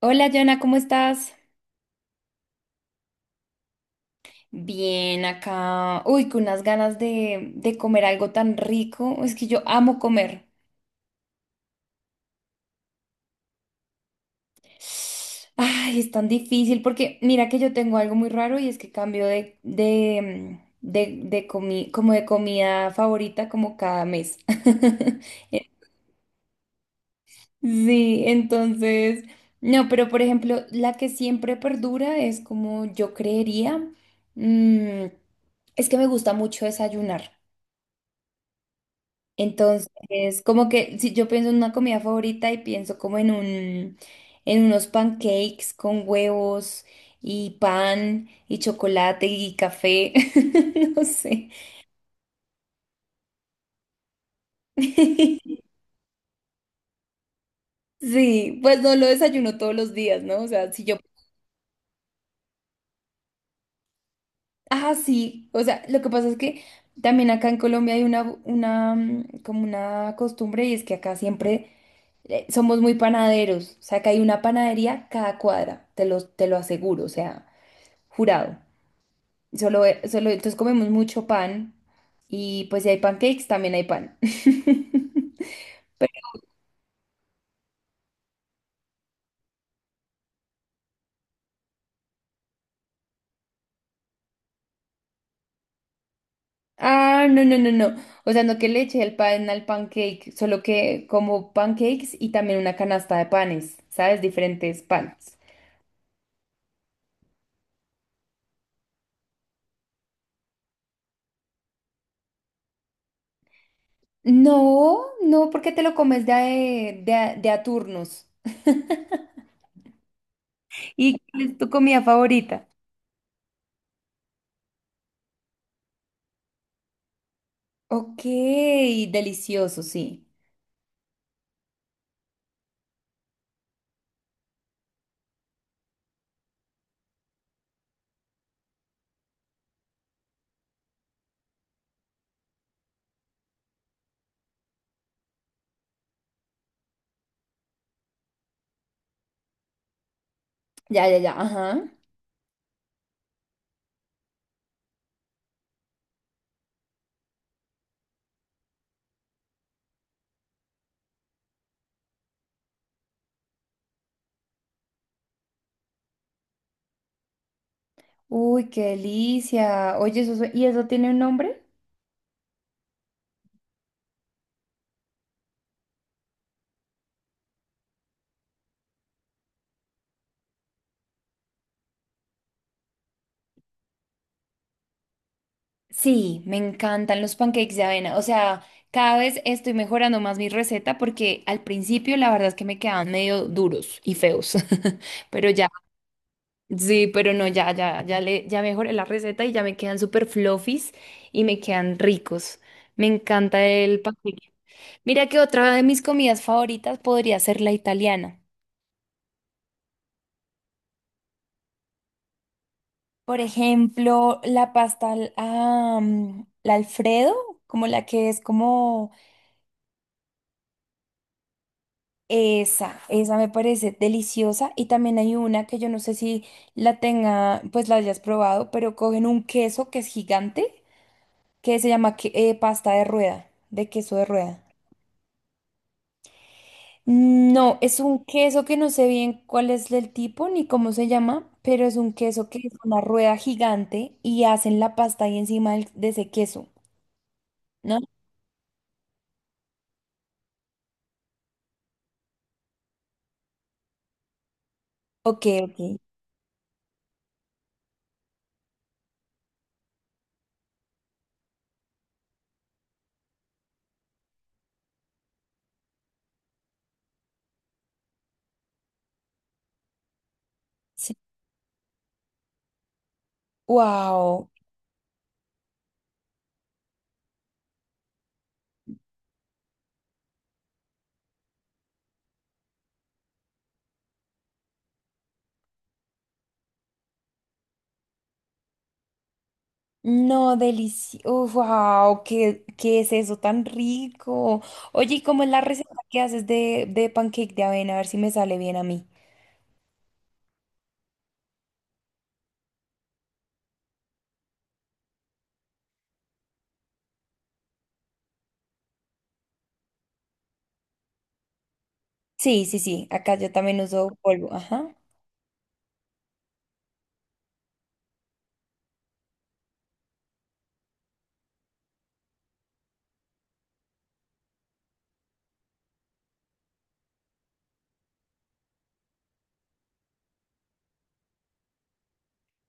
Hola, Jana, ¿cómo estás? Bien, acá. Uy, con unas ganas de comer algo tan rico. Es que yo amo comer. Ay, es tan difícil porque mira que yo tengo algo muy raro y es que cambio de, mm, de comi- como de comida favorita como cada mes. Sí, entonces, no, pero por ejemplo, la que siempre perdura es como yo creería. mm, es que me gusta mucho desayunar. Entonces, como que si yo pienso en una comida favorita y pienso como en en unos pancakes con huevos y pan y chocolate y café, no sé. Sí, pues no lo desayuno todos los días, ¿no? O sea, si yo, ah, sí, o sea, lo que pasa es que también acá en Colombia hay una como una costumbre y es que acá siempre somos muy panaderos, o sea, acá hay una panadería cada cuadra, te lo aseguro, o sea, jurado. Solo, solo, entonces comemos mucho pan y pues si hay pancakes, también hay pan. Ah, no, no, no, no. O sea, no que le eche el pan al pancake, solo que como pancakes y también una canasta de panes, ¿sabes? Diferentes panes. No, no, porque te lo comes de a turnos. ¿Y cuál es tu comida favorita? Ok, delicioso, sí. Ya, ya, ya, ajá. Uy, qué delicia. Oye, ¿y eso tiene un nombre? Sí, me encantan los pancakes de avena. O sea, cada vez estoy mejorando más mi receta porque al principio la verdad es que me quedaban medio duros y feos. Pero ya, sí, pero no, ya mejoré la receta y ya me quedan súper fluffies y me quedan ricos. Me encanta el pancake. Mira que otra de mis comidas favoritas podría ser la italiana. Por ejemplo, la pasta, la Alfredo, como la que es como esa me parece deliciosa. Y también hay una que yo no sé si la tenga, pues la hayas probado, pero cogen un queso que es gigante, que se llama que- pasta de rueda, de queso de rueda. No, es un queso que no sé bien cuál es el tipo ni cómo se llama, pero es un queso que es una rueda gigante y hacen la pasta ahí encima de ese queso, ¿no? Ok, ok. Sí. Wow. No, delicioso. Wow, ¿qué es eso tan rico? Oye, ¿y cómo es la receta que haces de pancake de avena? A ver si me sale bien a mí. Sí, sí, sí, acá yo también uso polvo, ajá.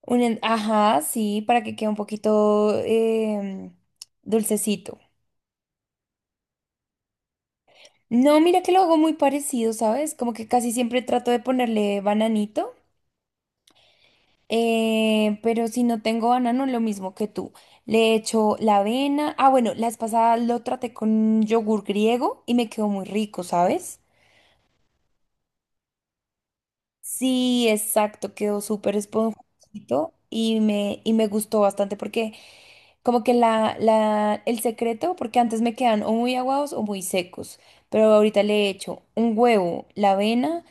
Ajá, sí, para que quede un poquito dulcecito. No, mira que lo hago muy parecido, ¿sabes? Como que casi siempre trato de ponerle bananito. Pero si no tengo banano, lo mismo que tú. Le echo la avena. Ah, bueno, la vez pasada lo traté con yogur griego y me quedó muy rico, ¿sabes? Sí, exacto, quedó súper esponjosito y y me gustó bastante porque como que el secreto, porque antes me quedan o muy aguados o muy secos, pero ahorita le he hecho un huevo, la avena,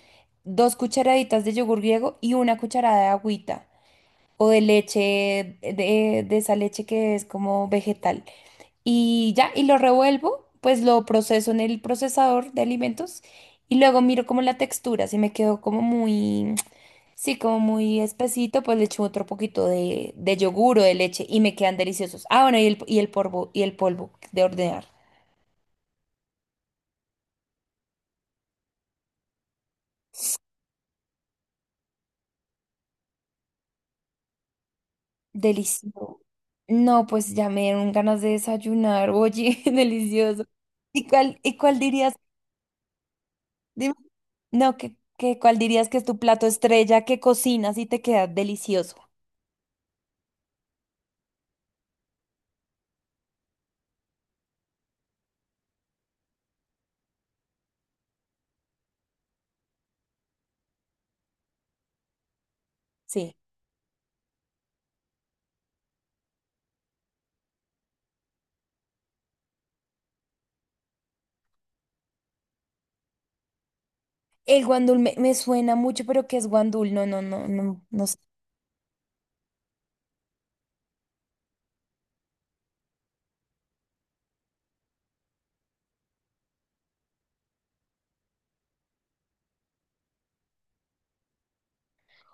dos cucharaditas de yogur griego y una cucharada de agüita, o de leche, de esa leche que es como vegetal. Y ya, y lo revuelvo, pues lo proceso en el procesador de alimentos y luego miro como la textura, si me quedó como muy, sí, como muy espesito, pues le echo otro poquito de yogur o de leche y me quedan deliciosos. Ah, bueno, y el polvo de hornear delicioso. No, pues ya me dieron ganas de desayunar, oye, delicioso. ¿Y cuál dirías? No, que ¿cuál dirías que es tu plato estrella que cocinas y te queda delicioso? Sí. Me suena mucho, pero ¿qué es guandul? No, no, no, no, no sé.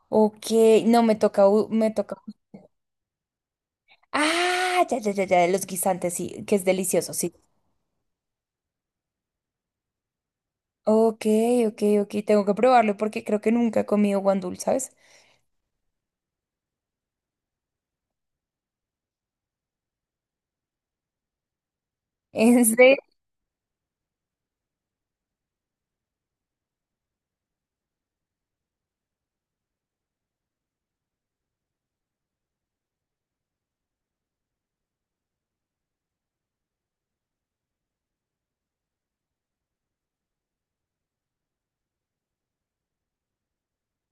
Ok, no, me toca. Ah, ya, ya, ya, ya, los guisantes, sí, que es delicioso, sí. Ok, ok, ok, tengo que probarlo porque creo que nunca he comido guandul, ¿sabes? ¿En serio?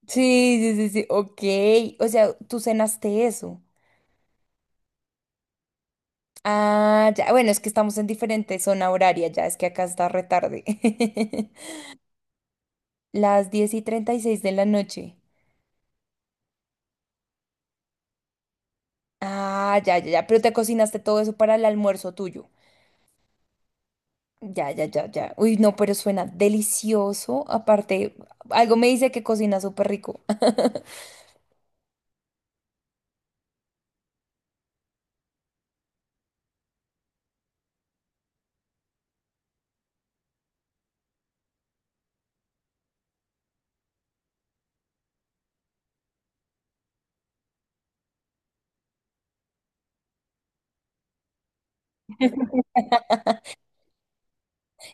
Sí, sí, sí, sí, ok. O sea, tú cenaste eso. Ah, ya, bueno, es que estamos en diferente zona horaria, ya, es que acá está retarde. Las 10:36 de la noche. Ah, ya, ya, ya. Pero te cocinaste todo eso para el almuerzo tuyo. Ya, ya, ya, ya. Uy, no, pero suena delicioso. Aparte, algo me dice que cocina súper rico.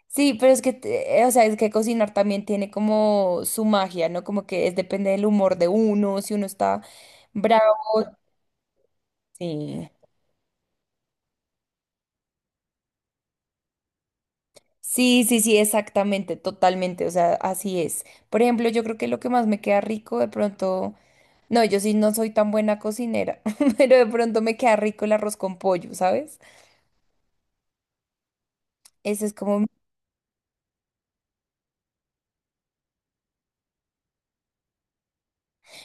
Sí, pero es que, o sea, es que cocinar también tiene como su magia, ¿no? Como que es, depende del humor de uno, si uno está bravo. Sí. Sí, sí, sí, exactamente, totalmente. O sea, así es. Por ejemplo, yo creo que lo que más me queda rico de pronto. No, yo sí no soy tan buena cocinera, pero de pronto me queda rico el arroz con pollo, ¿sabes? Ese es como,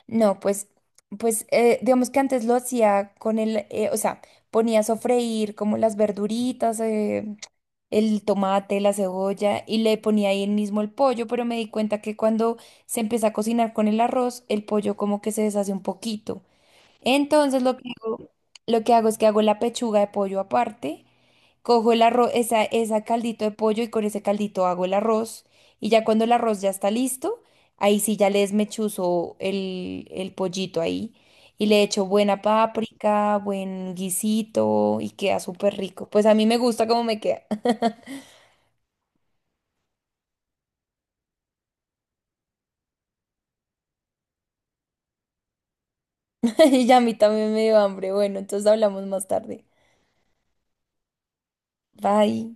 no, pues, pues, digamos que antes lo hacía con o sea, ponía a sofreír como las verduritas, el tomate, la cebolla, y le ponía ahí el mismo el pollo, pero me di cuenta que cuando se empieza a cocinar con el arroz, el pollo como que se deshace un poquito. Entonces lo que hago, lo que hago es que hago la pechuga de pollo aparte, cojo el arroz, esa caldito de pollo y con ese caldito hago el arroz. Y ya cuando el arroz ya está listo, ahí sí ya le desmechuzo el pollito ahí y le echo buena páprica, buen guisito y queda súper rico. Pues a mí me gusta cómo me queda. Y ya a mí también me dio hambre. Bueno, entonces hablamos más tarde. Bye.